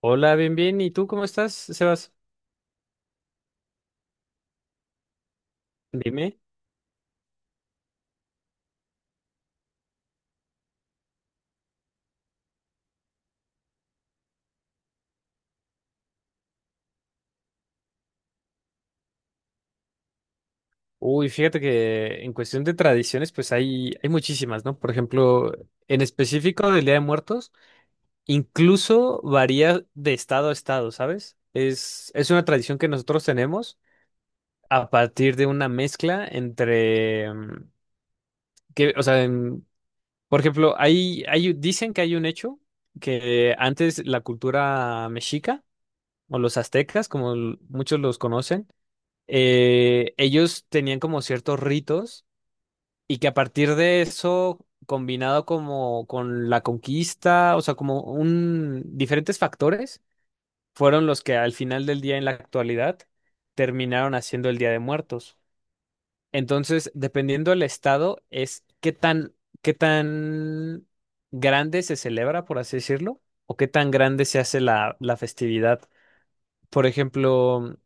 Hola, bien, bien. ¿Y tú cómo estás, Sebas? Dime. Uy, fíjate que en cuestión de tradiciones, pues hay muchísimas, ¿no? Por ejemplo, en específico del Día de Muertos, incluso varía de estado a estado, ¿sabes? Es una tradición que nosotros tenemos a partir de una mezcla entre, que, o sea, por ejemplo, dicen que hay un hecho que antes la cultura mexica o los aztecas, como muchos los conocen, ellos tenían como ciertos ritos y que a partir de eso, combinado como con la conquista, o sea, como un diferentes factores, fueron los que al final del día en la actualidad terminaron haciendo el Día de Muertos. Entonces, dependiendo del estado, es qué tan grande se celebra, por así decirlo, o qué tan grande se hace la festividad. Por ejemplo,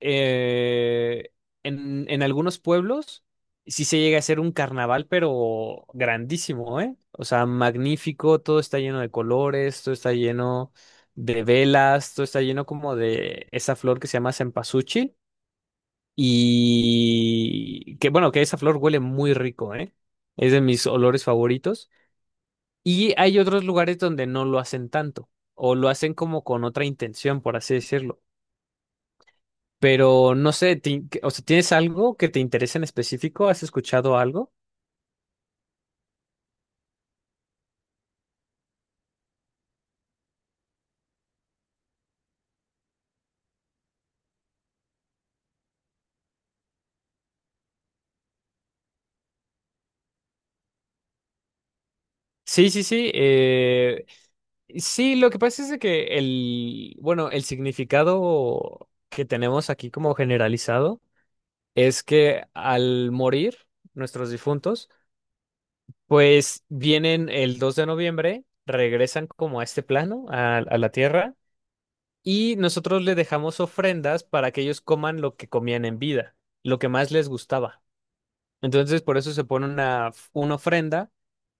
eh, en algunos pueblos sí se llega a hacer un carnaval, pero grandísimo, ¿eh? O sea, magnífico, todo está lleno de colores, todo está lleno de velas, todo está lleno como de esa flor que se llama cempasúchil y que bueno, que esa flor huele muy rico, ¿eh? Es de mis olores favoritos. Y hay otros lugares donde no lo hacen tanto, o lo hacen como con otra intención, por así decirlo. Pero no sé, o sea, ¿tienes algo que te interese en específico? ¿Has escuchado algo? Sí, sí, sí. Sí, lo que pasa es de que bueno, el significado que tenemos aquí como generalizado es que al morir nuestros difuntos, pues vienen el 2 de noviembre, regresan como a este plano, a la tierra, y nosotros le dejamos ofrendas para que ellos coman lo que comían en vida, lo que más les gustaba. Entonces, por eso se pone una ofrenda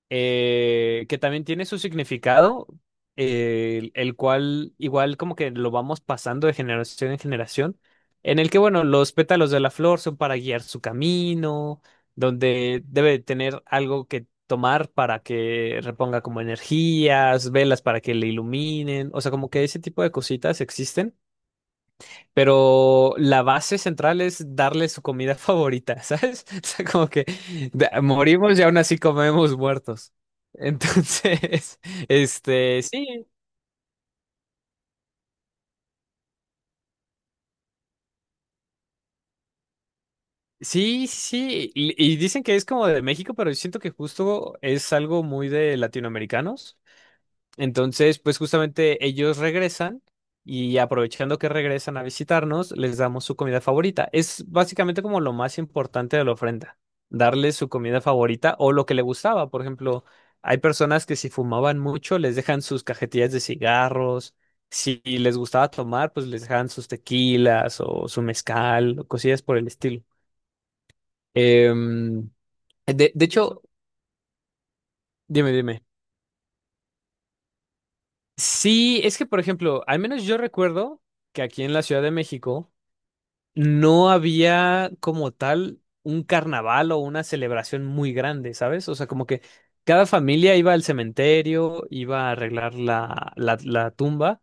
que también tiene su significado, el cual igual como que lo vamos pasando de generación en generación, en el que, bueno, los pétalos de la flor son para guiar su camino, donde debe tener algo que tomar para que reponga como energías, velas para que le iluminen, o sea, como que ese tipo de cositas existen. Pero la base central es darle su comida favorita, ¿sabes? O sea, como que morimos y aún así comemos muertos. Entonces, sí, sí, sí. Y dicen que es como de México, pero yo siento que justo es algo muy de latinoamericanos. Entonces, pues justamente ellos regresan y aprovechando que regresan a visitarnos, les damos su comida favorita. Es básicamente como lo más importante de la ofrenda, darles su comida favorita o lo que le gustaba. Por ejemplo, hay personas que si fumaban mucho, les dejan sus cajetillas de cigarros. Si les gustaba tomar, pues les dejan sus tequilas o su mezcal o cosillas por el estilo. Em, de hecho, dime, dime. Sí, es que, por ejemplo, al menos yo recuerdo que aquí en la Ciudad de México no había como tal un carnaval o una celebración muy grande, ¿sabes? O sea, como que cada familia iba al cementerio, iba a arreglar la tumba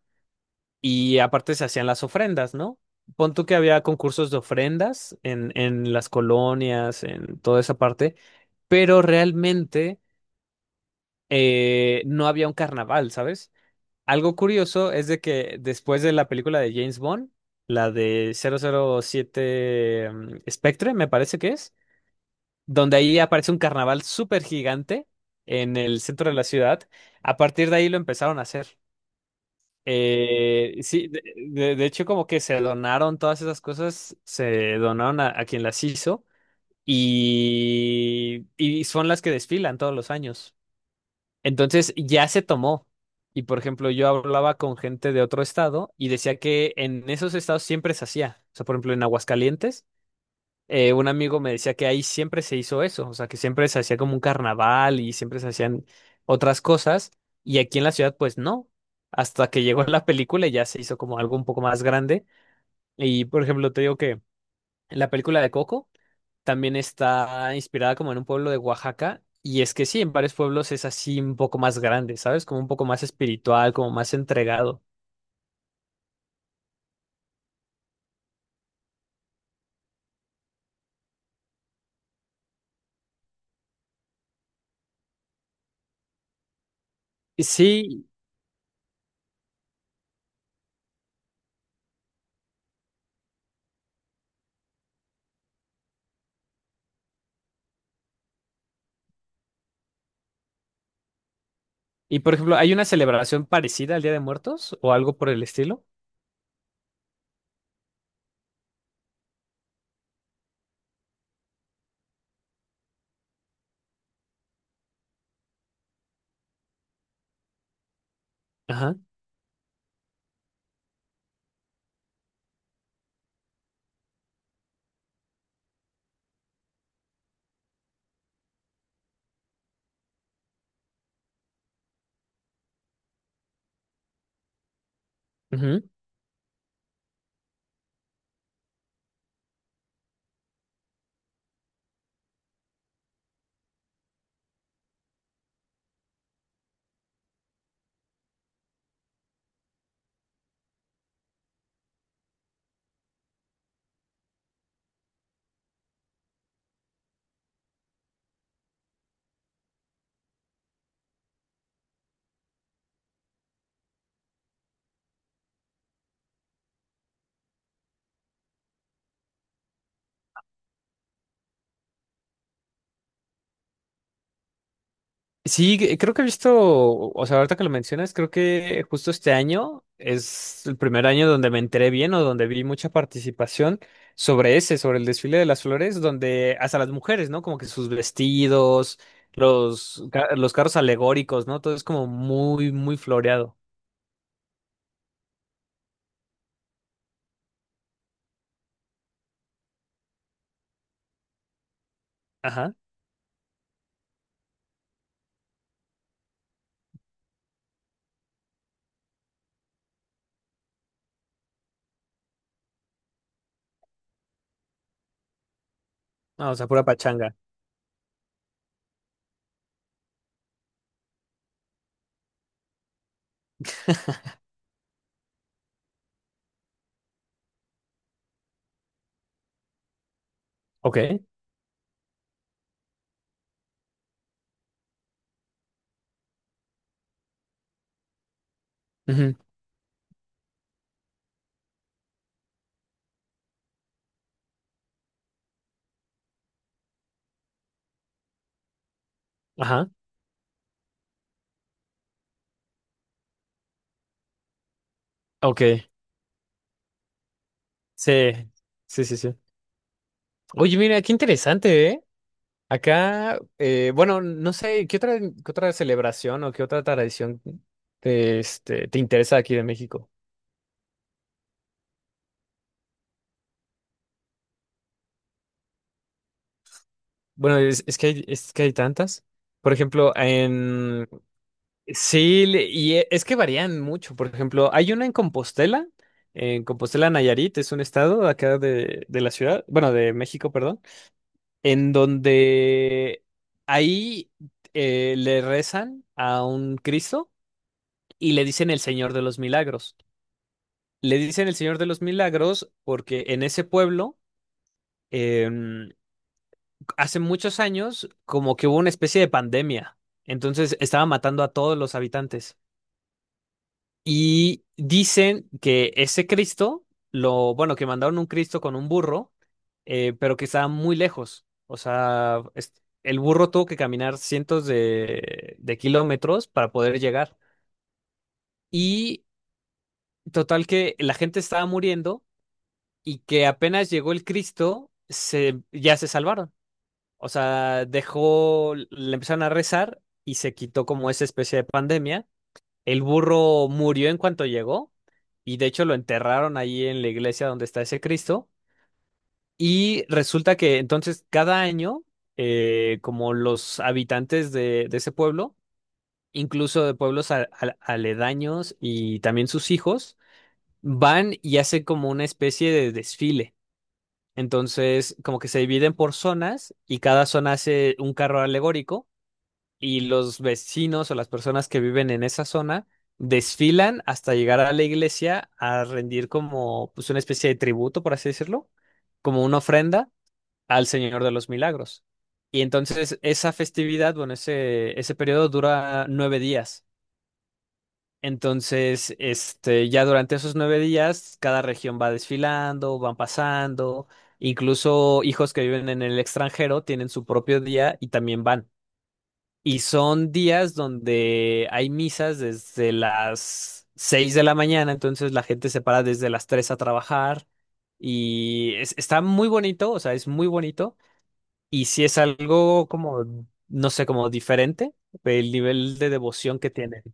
y aparte se hacían las ofrendas, ¿no? Pon tú que había concursos de ofrendas en las colonias, en toda esa parte, pero realmente no había un carnaval, ¿sabes? Algo curioso es de que después de la película de James Bond, la de 007, Spectre, me parece que es, donde ahí aparece un carnaval súper gigante en el centro de la ciudad, a partir de ahí lo empezaron a hacer. Sí, de hecho como que se donaron todas esas cosas, se donaron a quien las hizo y son las que desfilan todos los años. Entonces ya se tomó. Y por ejemplo, yo hablaba con gente de otro estado y decía que en esos estados siempre se hacía. O sea, por ejemplo, en Aguascalientes, un amigo me decía que ahí siempre se hizo eso. O sea, que siempre se hacía como un carnaval y siempre se hacían otras cosas. Y aquí en la ciudad, pues no. Hasta que llegó la película y ya se hizo como algo un poco más grande. Y por ejemplo, te digo que en la película de Coco también está inspirada como en un pueblo de Oaxaca. Y es que sí, en varios pueblos es así un poco más grande, ¿sabes? Como un poco más espiritual, como más entregado. Y sí, y por ejemplo, ¿hay una celebración parecida al Día de Muertos o algo por el estilo? Ajá. Sí, creo que he visto, o sea, ahorita que lo mencionas, creo que justo este año es el primer año donde me enteré bien o donde vi mucha participación sobre ese, sobre el desfile de las flores, donde hasta las mujeres, ¿no? Como que sus vestidos, los carros alegóricos, ¿no? Todo es como muy, muy floreado. Ajá. Ah, o sea, pura pachanga. Ok. Ujú. Ajá. Ok. Sí. Sí, sí, sí. Oye, mira, qué interesante, ¿eh? Acá, bueno, no sé, qué otra celebración o qué otra tradición te, te interesa aquí de México? Bueno, es que hay tantas. Por ejemplo, en... Sí, es que varían mucho. Por ejemplo, hay una en Compostela Nayarit, es un estado acá de la ciudad, bueno, de México, perdón, en donde ahí le rezan a un Cristo y le dicen el Señor de los Milagros. Le dicen el Señor de los Milagros porque en ese pueblo, em, hace muchos años, como que hubo una especie de pandemia. Entonces estaba matando a todos los habitantes. Y dicen que ese Cristo, bueno, que mandaron un Cristo con un burro, pero que estaba muy lejos. O sea, el burro tuvo que caminar cientos de kilómetros para poder llegar. Y total que la gente estaba muriendo y que apenas llegó el Cristo, ya se salvaron. O sea, dejó, le empezaron a rezar y se quitó como esa especie de pandemia. El burro murió en cuanto llegó y de hecho lo enterraron ahí en la iglesia donde está ese Cristo. Y resulta que entonces cada año, como los habitantes de ese pueblo, incluso de pueblos aledaños y también sus hijos, van y hacen como una especie de desfile. Entonces, como que se dividen por zonas y cada zona hace un carro alegórico y los vecinos o las personas que viven en esa zona desfilan hasta llegar a la iglesia a rendir como pues una especie de tributo, por así decirlo, como una ofrenda al Señor de los Milagros. Y entonces esa festividad, bueno, ese periodo dura 9 días. Entonces, ya durante esos 9 días, cada región va desfilando, van pasando, incluso hijos que viven en el extranjero tienen su propio día y también van. Y son días donde hay misas desde las 6 de la mañana, entonces la gente se para desde las 3 a trabajar y está muy bonito, o sea, es muy bonito y si es algo como, no sé, como diferente, el nivel de devoción que tiene.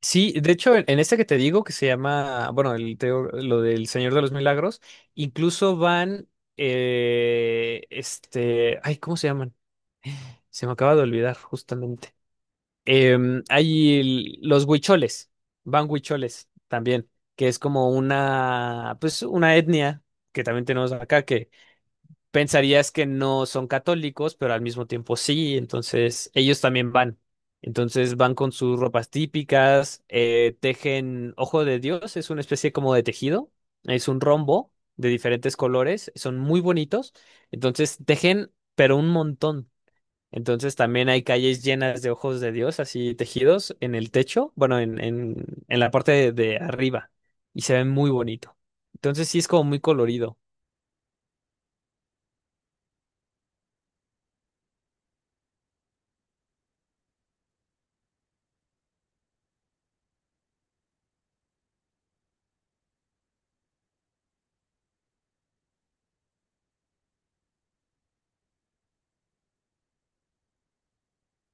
Sí, de hecho, en este que te digo, que se llama, bueno, el, te digo, lo del Señor de los Milagros, incluso van, ay, ¿cómo se llaman? Se me acaba de olvidar, justamente. Hay los huicholes, van huicholes también, que es como una, pues, una etnia que también tenemos acá, pensarías que no son católicos, pero al mismo tiempo sí, entonces ellos también van. Entonces van con sus ropas típicas, tejen ojo de Dios, es una especie como de tejido, es un rombo de diferentes colores, son muy bonitos, entonces tejen, pero un montón. Entonces también hay calles llenas de ojos de Dios, así tejidos en el techo, bueno, en la parte de arriba, y se ven muy bonito. Entonces sí es como muy colorido.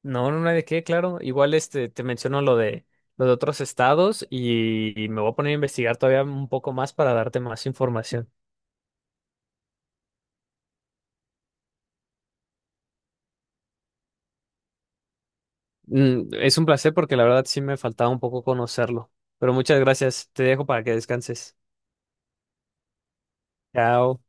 No, no hay de qué, claro. Igual este te menciono lo de otros estados y me voy a poner a investigar todavía un poco más para darte más información. Mm, es un placer porque la verdad sí me faltaba un poco conocerlo. Pero muchas gracias. Te dejo para que descanses. Chao.